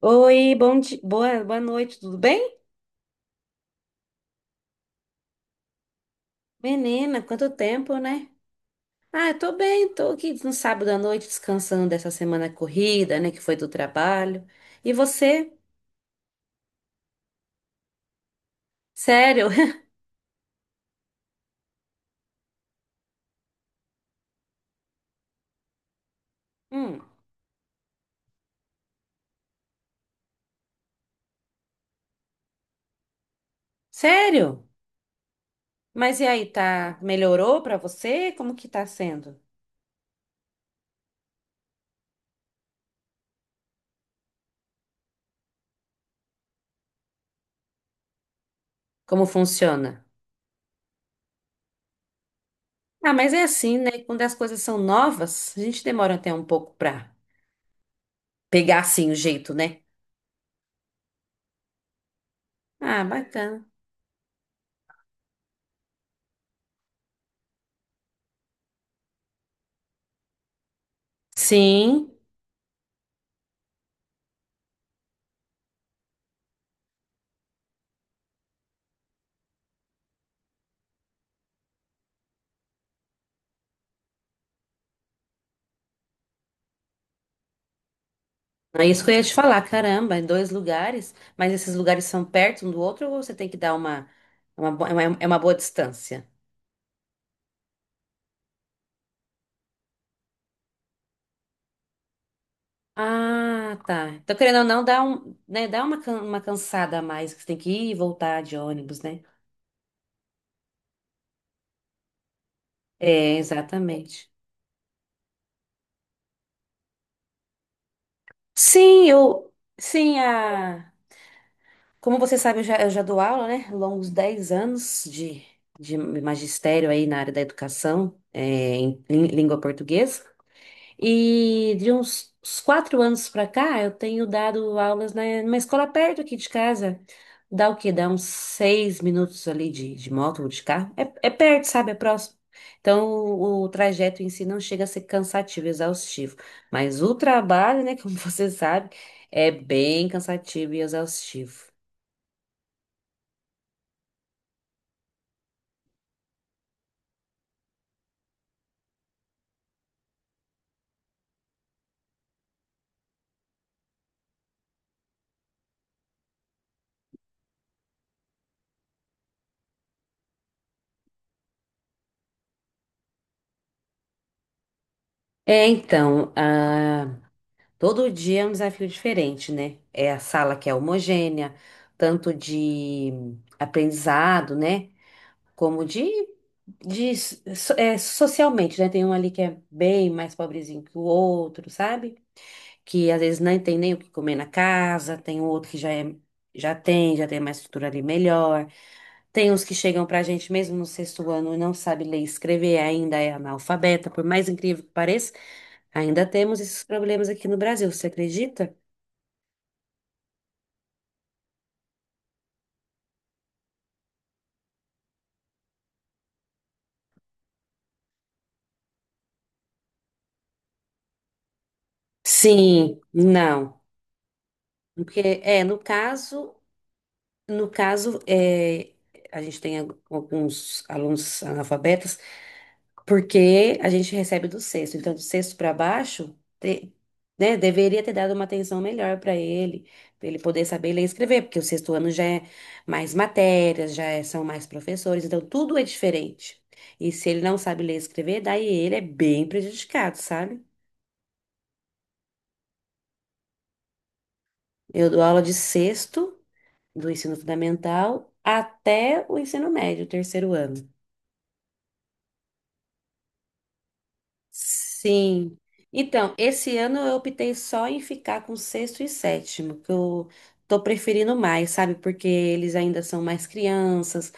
Oi, bom dia, boa noite, tudo bem? Menina, quanto tempo, né? Ah, eu tô bem, tô aqui no sábado à noite descansando dessa semana corrida, né, que foi do trabalho. E você? Sério? Hum, sério? Mas e aí, tá, melhorou pra você? Como que tá sendo? Como funciona? Ah, mas é assim, né? Quando as coisas são novas, a gente demora até um pouco pra pegar assim o jeito, né? Ah, bacana. Sim. É isso que eu ia te falar, caramba, em dois lugares, mas esses lugares são perto um do outro ou você tem que dar uma, bo- é uma boa distância? Ah, tá. Então, querendo ou não, dá um, né, dá uma cansada a mais, que você tem que ir e voltar de ônibus, né? É, exatamente. Sim, eu, sim, a, como você sabe, eu já dou aula, né? Longos 10 anos de magistério aí na área da educação, é, em língua portuguesa. E de uns 4 anos para cá, eu tenho dado aulas na, numa escola perto aqui de casa. Dá o quê? Dá uns 6 minutos ali de moto ou de carro. É, é perto, sabe? É próximo. Então, o trajeto em si não chega a ser cansativo, exaustivo. Mas o trabalho, né, como você sabe, é bem cansativo e exaustivo. É, então, ah, todo dia é um desafio diferente, né? É a sala que é homogênea, tanto de aprendizado, né? Como de, socialmente, né? Tem um ali que é bem mais pobrezinho que o outro, sabe? Que às vezes não tem nem o que comer na casa, tem um outro que já tem uma estrutura ali melhor. Tem uns que chegam pra gente mesmo no sexto ano e não sabe ler e escrever, ainda é analfabeta, por mais incrível que pareça, ainda temos esses problemas aqui no Brasil, você acredita? Sim, não. Porque, é, no caso, no caso, é, a gente tem alguns alunos analfabetas, porque a gente recebe do sexto. Então, do sexto para baixo, né, deveria ter dado uma atenção melhor para ele poder saber ler e escrever, porque o sexto ano já é mais matérias, são mais professores, então tudo é diferente. E se ele não sabe ler e escrever, daí ele é bem prejudicado, sabe? Eu dou aula de sexto do ensino fundamental até o ensino médio, o terceiro ano. Sim. Então, esse ano eu optei só em ficar com sexto e sétimo, que eu tô preferindo mais, sabe? Porque eles ainda são mais crianças,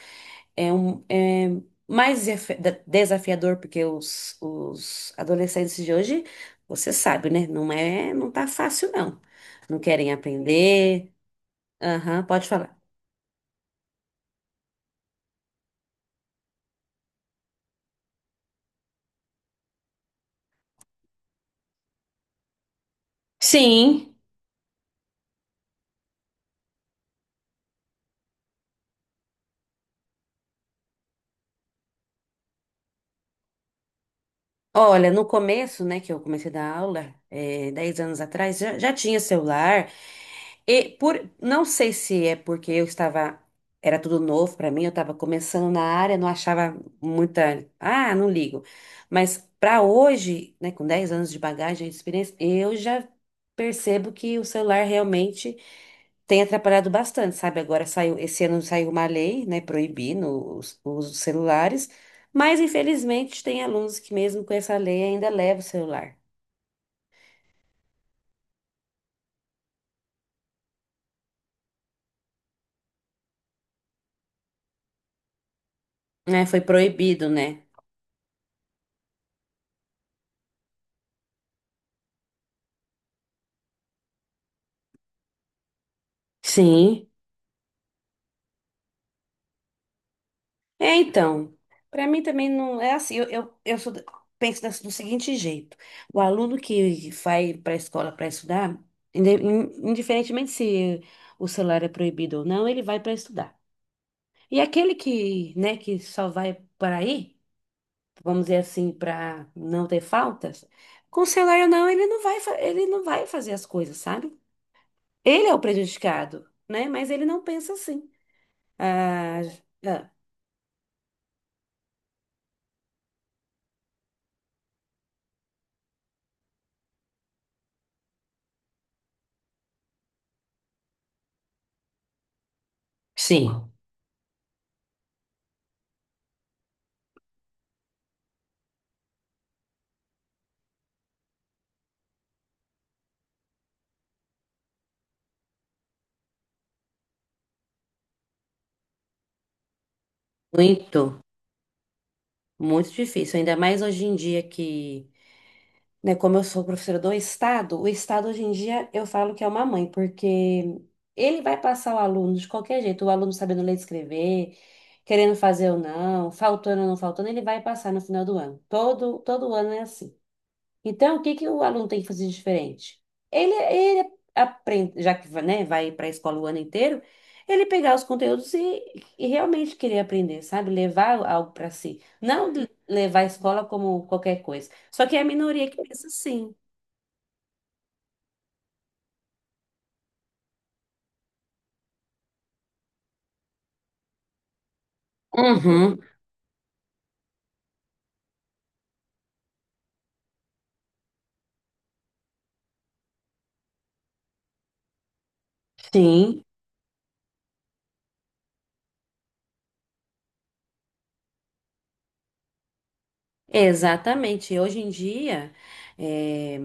é mais desafiador, porque os adolescentes de hoje, você sabe, né? Não tá fácil, não. Não querem aprender. Aham, pode falar. Sim. Olha, no começo, né, que eu comecei a dar aula, é, 10 anos atrás, já tinha celular, e por, não sei se é porque eu estava, era tudo novo para mim, eu estava começando na área, não achava muita, ah, não ligo. Mas para hoje, né, com 10 anos de bagagem, de experiência, eu já percebo que o celular realmente tem atrapalhado bastante, sabe? Agora saiu, esse ano saiu uma lei, né, proibindo os celulares, mas infelizmente tem alunos que mesmo com essa lei ainda levam o celular, né? Foi proibido, né? Sim. É, então, para mim também não é assim. Eu penso do seguinte jeito: o aluno que vai para a escola para estudar, indiferentemente se o celular é proibido ou não, ele vai para estudar. E aquele que, né, que só vai para ir, vamos dizer assim, para não ter faltas, com o celular ou não, ele não vai, ele não vai fazer as coisas, sabe? Ele é o prejudicado, né? Mas ele não pensa assim. Ah, ah, sim, muito. Muito difícil, ainda mais hoje em dia que, né, como eu sou professora do Estado, o Estado hoje em dia eu falo que é uma mãe, porque ele vai passar o aluno de qualquer jeito, o aluno sabendo ler e escrever, querendo fazer ou não faltando, ele vai passar no final do ano. Todo ano é assim. Então, o que que o aluno tem que fazer de diferente? Ele aprende, já que, né, vai para a escola o ano inteiro, ele pegar os conteúdos e realmente querer aprender, sabe? Levar algo para si. Não de- levar a escola como qualquer coisa. Só que é a minoria que pensa assim. Uhum. Sim, exatamente. Hoje em dia, eh,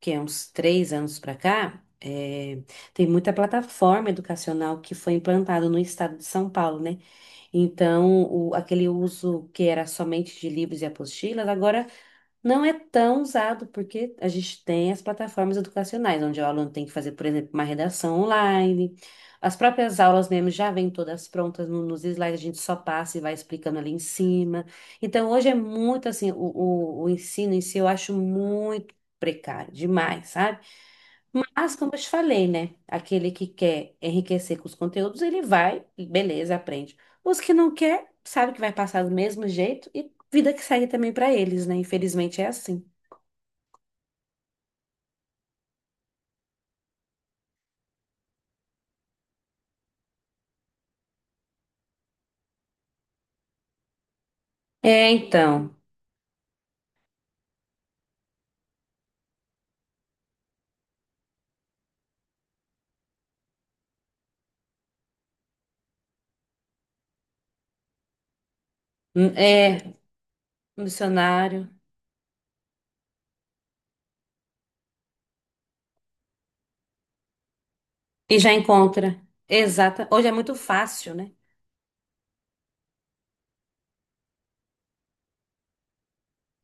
que é uns 3 anos para cá, tem muita plataforma educacional que foi implantada no estado de São Paulo, né? Então, aquele uso que era somente de livros e apostilas, agora não é tão usado, porque a gente tem as plataformas educacionais, onde o aluno tem que fazer, por exemplo, uma redação online. As próprias aulas mesmo já vêm todas prontas nos slides, a gente só passa e vai explicando ali em cima. Então, hoje é muito assim, o ensino em si eu acho muito precário, demais, sabe? Mas, como eu te falei, né? Aquele que quer enriquecer com os conteúdos, ele vai, beleza, aprende. Os que não quer, sabe que vai passar do mesmo jeito e vida que segue também para eles, né? Infelizmente é assim. É, então, é missionário e já encontra. Exata. Hoje é muito fácil, né?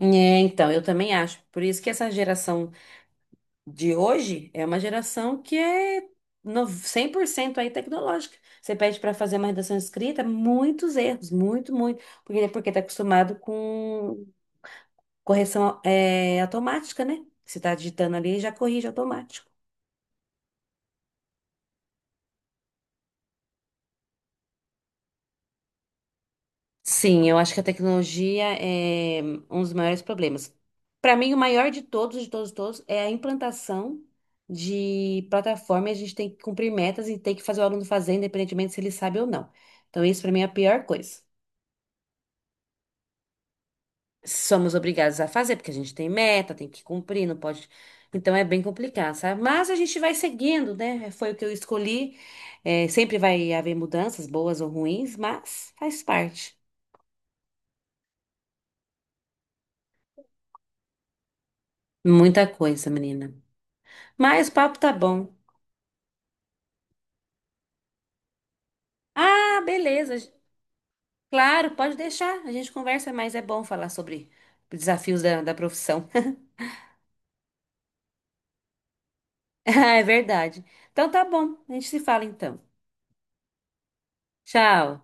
É, então, eu também acho. Por isso que essa geração de hoje é uma geração que é 100% aí tecnológica. Você pede para fazer uma redação escrita, muitos erros, muito, muito, porque está acostumado com correção é, automática, né? Você está digitando ali e já corrige automático. Sim, eu acho que a tecnologia é um dos maiores problemas. Para mim, o maior de todos, de todos, de todos, é a implantação de plataforma. E a gente tem que cumprir metas e tem que fazer o aluno fazer, independentemente se ele sabe ou não. Então, isso para mim é a pior coisa. Somos obrigados a fazer, porque a gente tem meta, tem que cumprir, não pode. Então é bem complicado, sabe? Mas a gente vai seguindo, né? Foi o que eu escolhi. É, sempre vai haver mudanças, boas ou ruins, mas faz parte. Muita coisa, menina. Mas o papo tá bom. Ah, beleza. Claro, pode deixar. A gente conversa, mas é bom falar sobre desafios da, da profissão. Ah, é verdade. Então tá bom. A gente se fala então. Tchau.